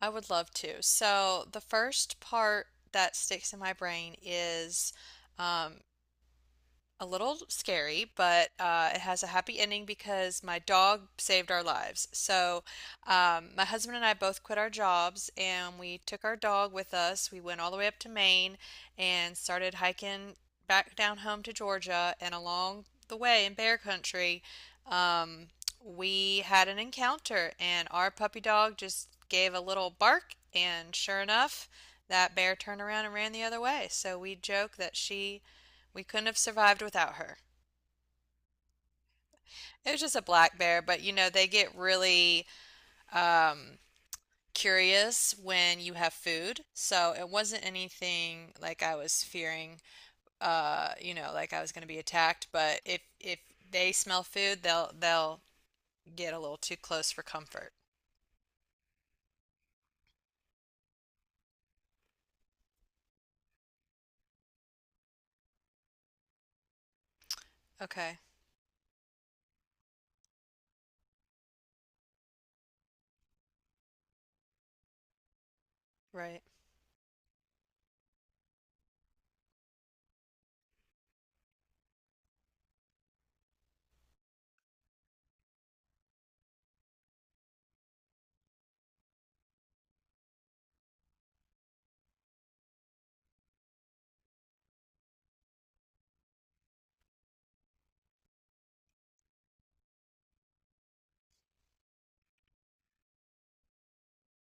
I would love to. So the first part that sticks in my brain is um, a little scary, but it has a happy ending because my dog saved our lives. So, my husband and I both quit our jobs and we took our dog with us. We went all the way up to Maine and started hiking back down home to Georgia. And along the way in bear country, um, we had an encounter, and our puppy dog just gave a little bark. And sure enough, that bear turned around and ran the other way. So, we joke that she we couldn't have survived without her. It was just a black bear, but you know, they get really um, curious when you have food. So it wasn't anything like I was fearing, you know, like I was going to be attacked. But if they smell food, they'll get a little too close for comfort. Okay, right.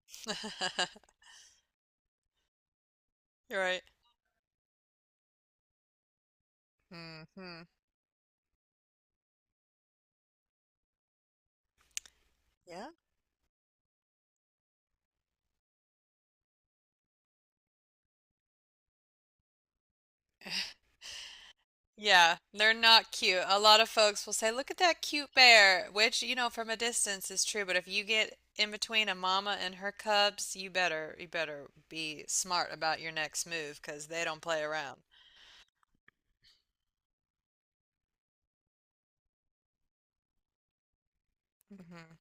You're right. Hmm. Yeah. Yeah, they're not cute. A lot of folks will say, "Look at that cute bear," which, you know, from a distance is true, but if you get in between a mama and her cubs, you better be smart about your next move because they don't play around. Hmm.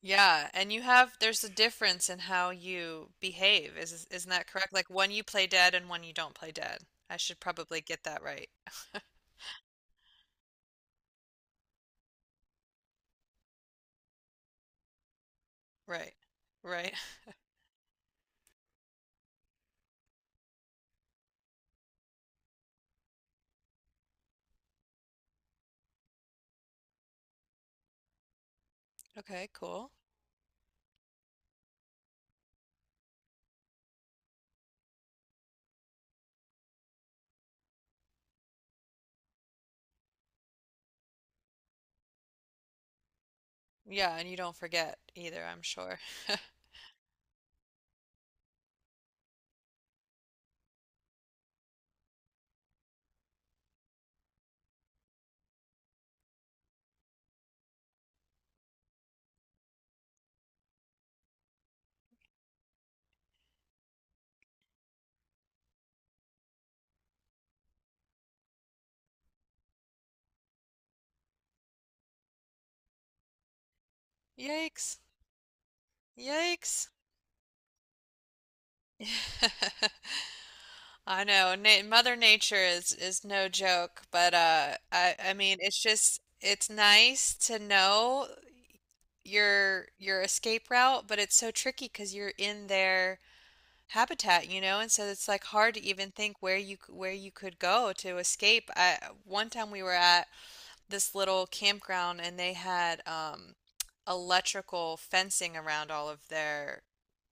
Yeah, and you have there's a difference in how you behave. Is isn't that correct? Like one you play dead and one you don't play dead. I should probably get that right. Right. Right. Okay, cool. Yeah, and you don't forget either, I'm sure. Yikes. Yikes. I know. Na Mother Nature is no joke, but I mean it's just it's nice to know your escape route, but it's so tricky 'cause you're in their habitat, you know, and so it's like hard to even think where where you could go to escape. I one time we were at this little campground and they had electrical fencing around all of their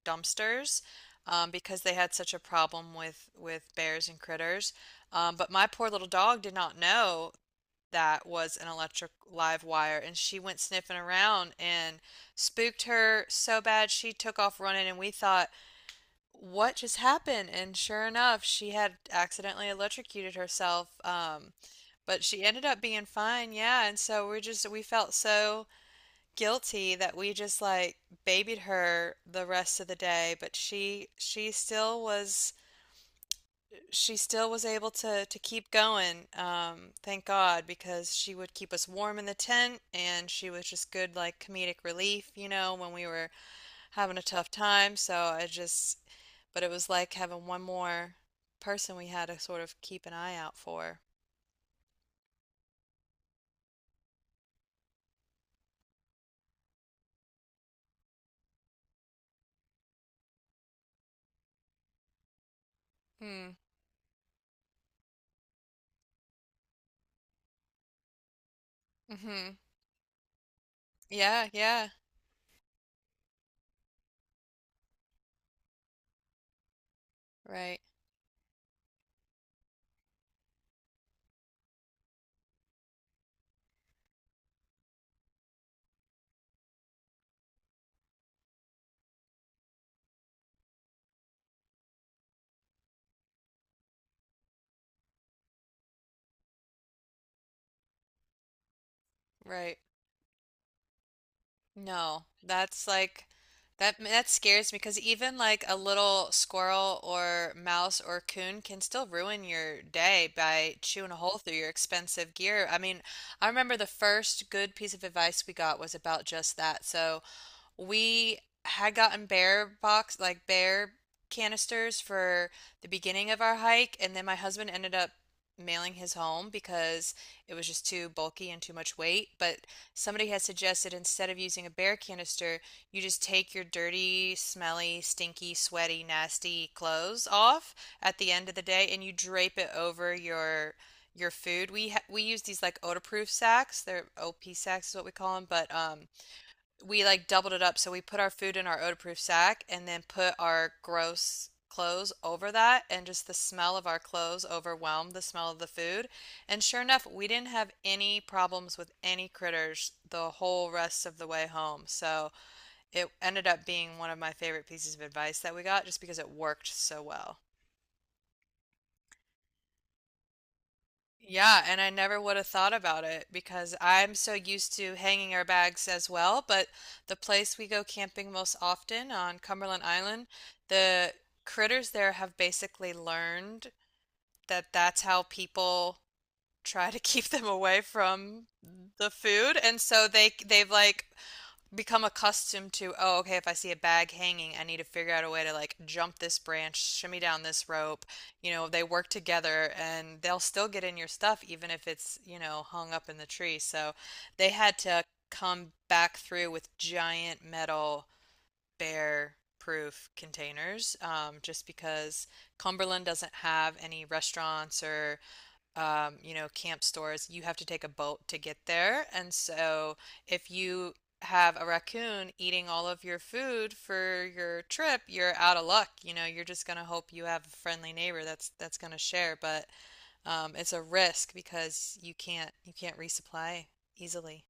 dumpsters because they had such a problem with bears and critters. But my poor little dog did not know that was an electric live wire, and she went sniffing around and spooked her so bad she took off running, and we thought, what just happened? And sure enough, she had accidentally electrocuted herself. But she ended up being fine, yeah. And so we're just, we felt so guilty that we just like babied her the rest of the day. But she still was able to keep going. Thank God, because she would keep us warm in the tent, and she was just good like comedic relief, you know, when we were having a tough time. So but it was like having one more person we had to sort of keep an eye out for. Hmm. Mm-hmm. Yeah. Yeah. Right, right. No, that's that that scares me because even like a little squirrel or mouse or coon can still ruin your day by chewing a hole through your expensive gear. I mean, I remember the first good piece of advice we got was about just that. So, we had gotten bear box, like bear canisters for the beginning of our hike, and then my husband ended up mailing his home because it was just too bulky and too much weight. But somebody had suggested instead of using a bear canister, you just take your dirty, smelly, stinky, sweaty, nasty clothes off at the end of the day and you drape it over your food. We use these like odor-proof sacks. They're OP sacks is what we call them, but we like doubled it up. So we put our food in our odor-proof sack and then put our gross clothes over that, and just the smell of our clothes overwhelmed the smell of the food. And sure enough, we didn't have any problems with any critters the whole rest of the way home. So it ended up being one of my favorite pieces of advice that we got just because it worked so well. Yeah, and I never would have thought about it because I'm so used to hanging our bags as well. But the place we go camping most often on Cumberland Island, the critters there have basically learned that that's how people try to keep them away from the food. And so they've like become accustomed to, oh, okay, if I see a bag hanging, I need to figure out a way to like jump this branch, shimmy down this rope. You know, they work together and they'll still get in your stuff even if it's, you know, hung up in the tree. So they had to come back through with giant metal bear proof containers just because Cumberland doesn't have any restaurants or you know, camp stores, you have to take a boat to get there. And so if you have a raccoon eating all of your food for your trip, you're out of luck. You know, you're just gonna hope you have a friendly neighbor that's gonna share, but it's a risk because you can't resupply easily.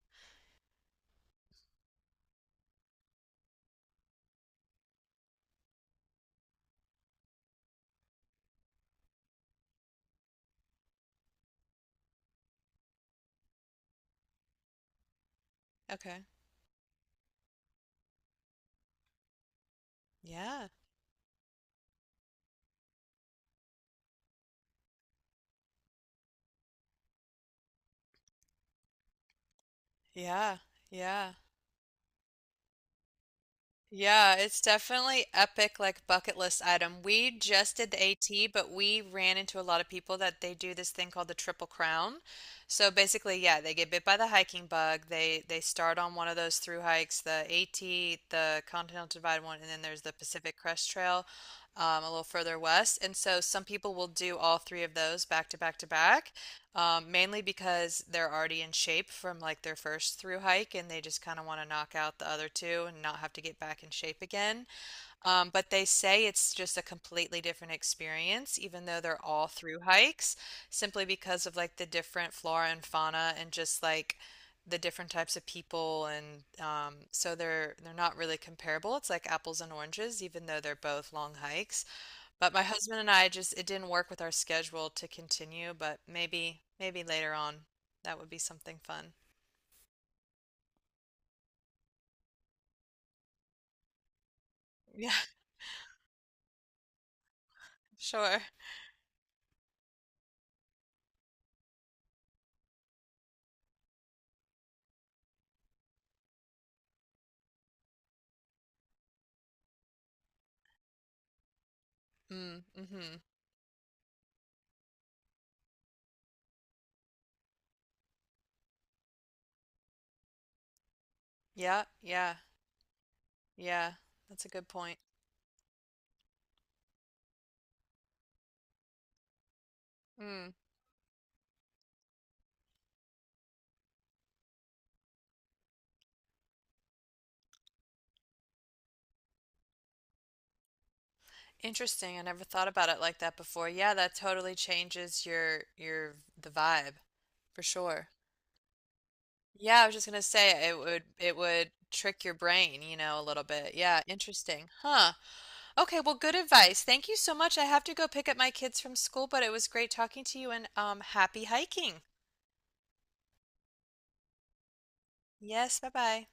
Okay. Yeah. Yeah. Yeah. Yeah, it's definitely epic, like bucket list item. We just did the AT, but we ran into a lot of people that they do this thing called the Triple Crown. So basically, yeah, they get bit by the hiking bug. They start on one of those through hikes, the AT, the Continental Divide one, and then there's the Pacific Crest Trail, a little further west. And so some people will do all three of those back to back to back. Mainly because they're already in shape from like their first through hike and they just kind of want to knock out the other two and not have to get back in shape again. But they say it's just a completely different experience, even though they're all through hikes, simply because of like the different flora and fauna and just like the different types of people and so they're not really comparable. It's like apples and oranges, even though they're both long hikes. But my husband and I just it didn't work with our schedule to continue, but maybe later on that would be something fun. Yeah, sure. Mm, mm-hmm. Yeah, yeah. That's a good point. Mm, interesting. I never thought about it like that before. Yeah, that totally changes your the vibe for sure. Yeah, I was just gonna say it would trick your brain, you know, a little bit. Yeah, interesting. Huh. Okay, well, good advice. Thank you so much. I have to go pick up my kids from school, but it was great talking to you and happy hiking. Yes, bye bye.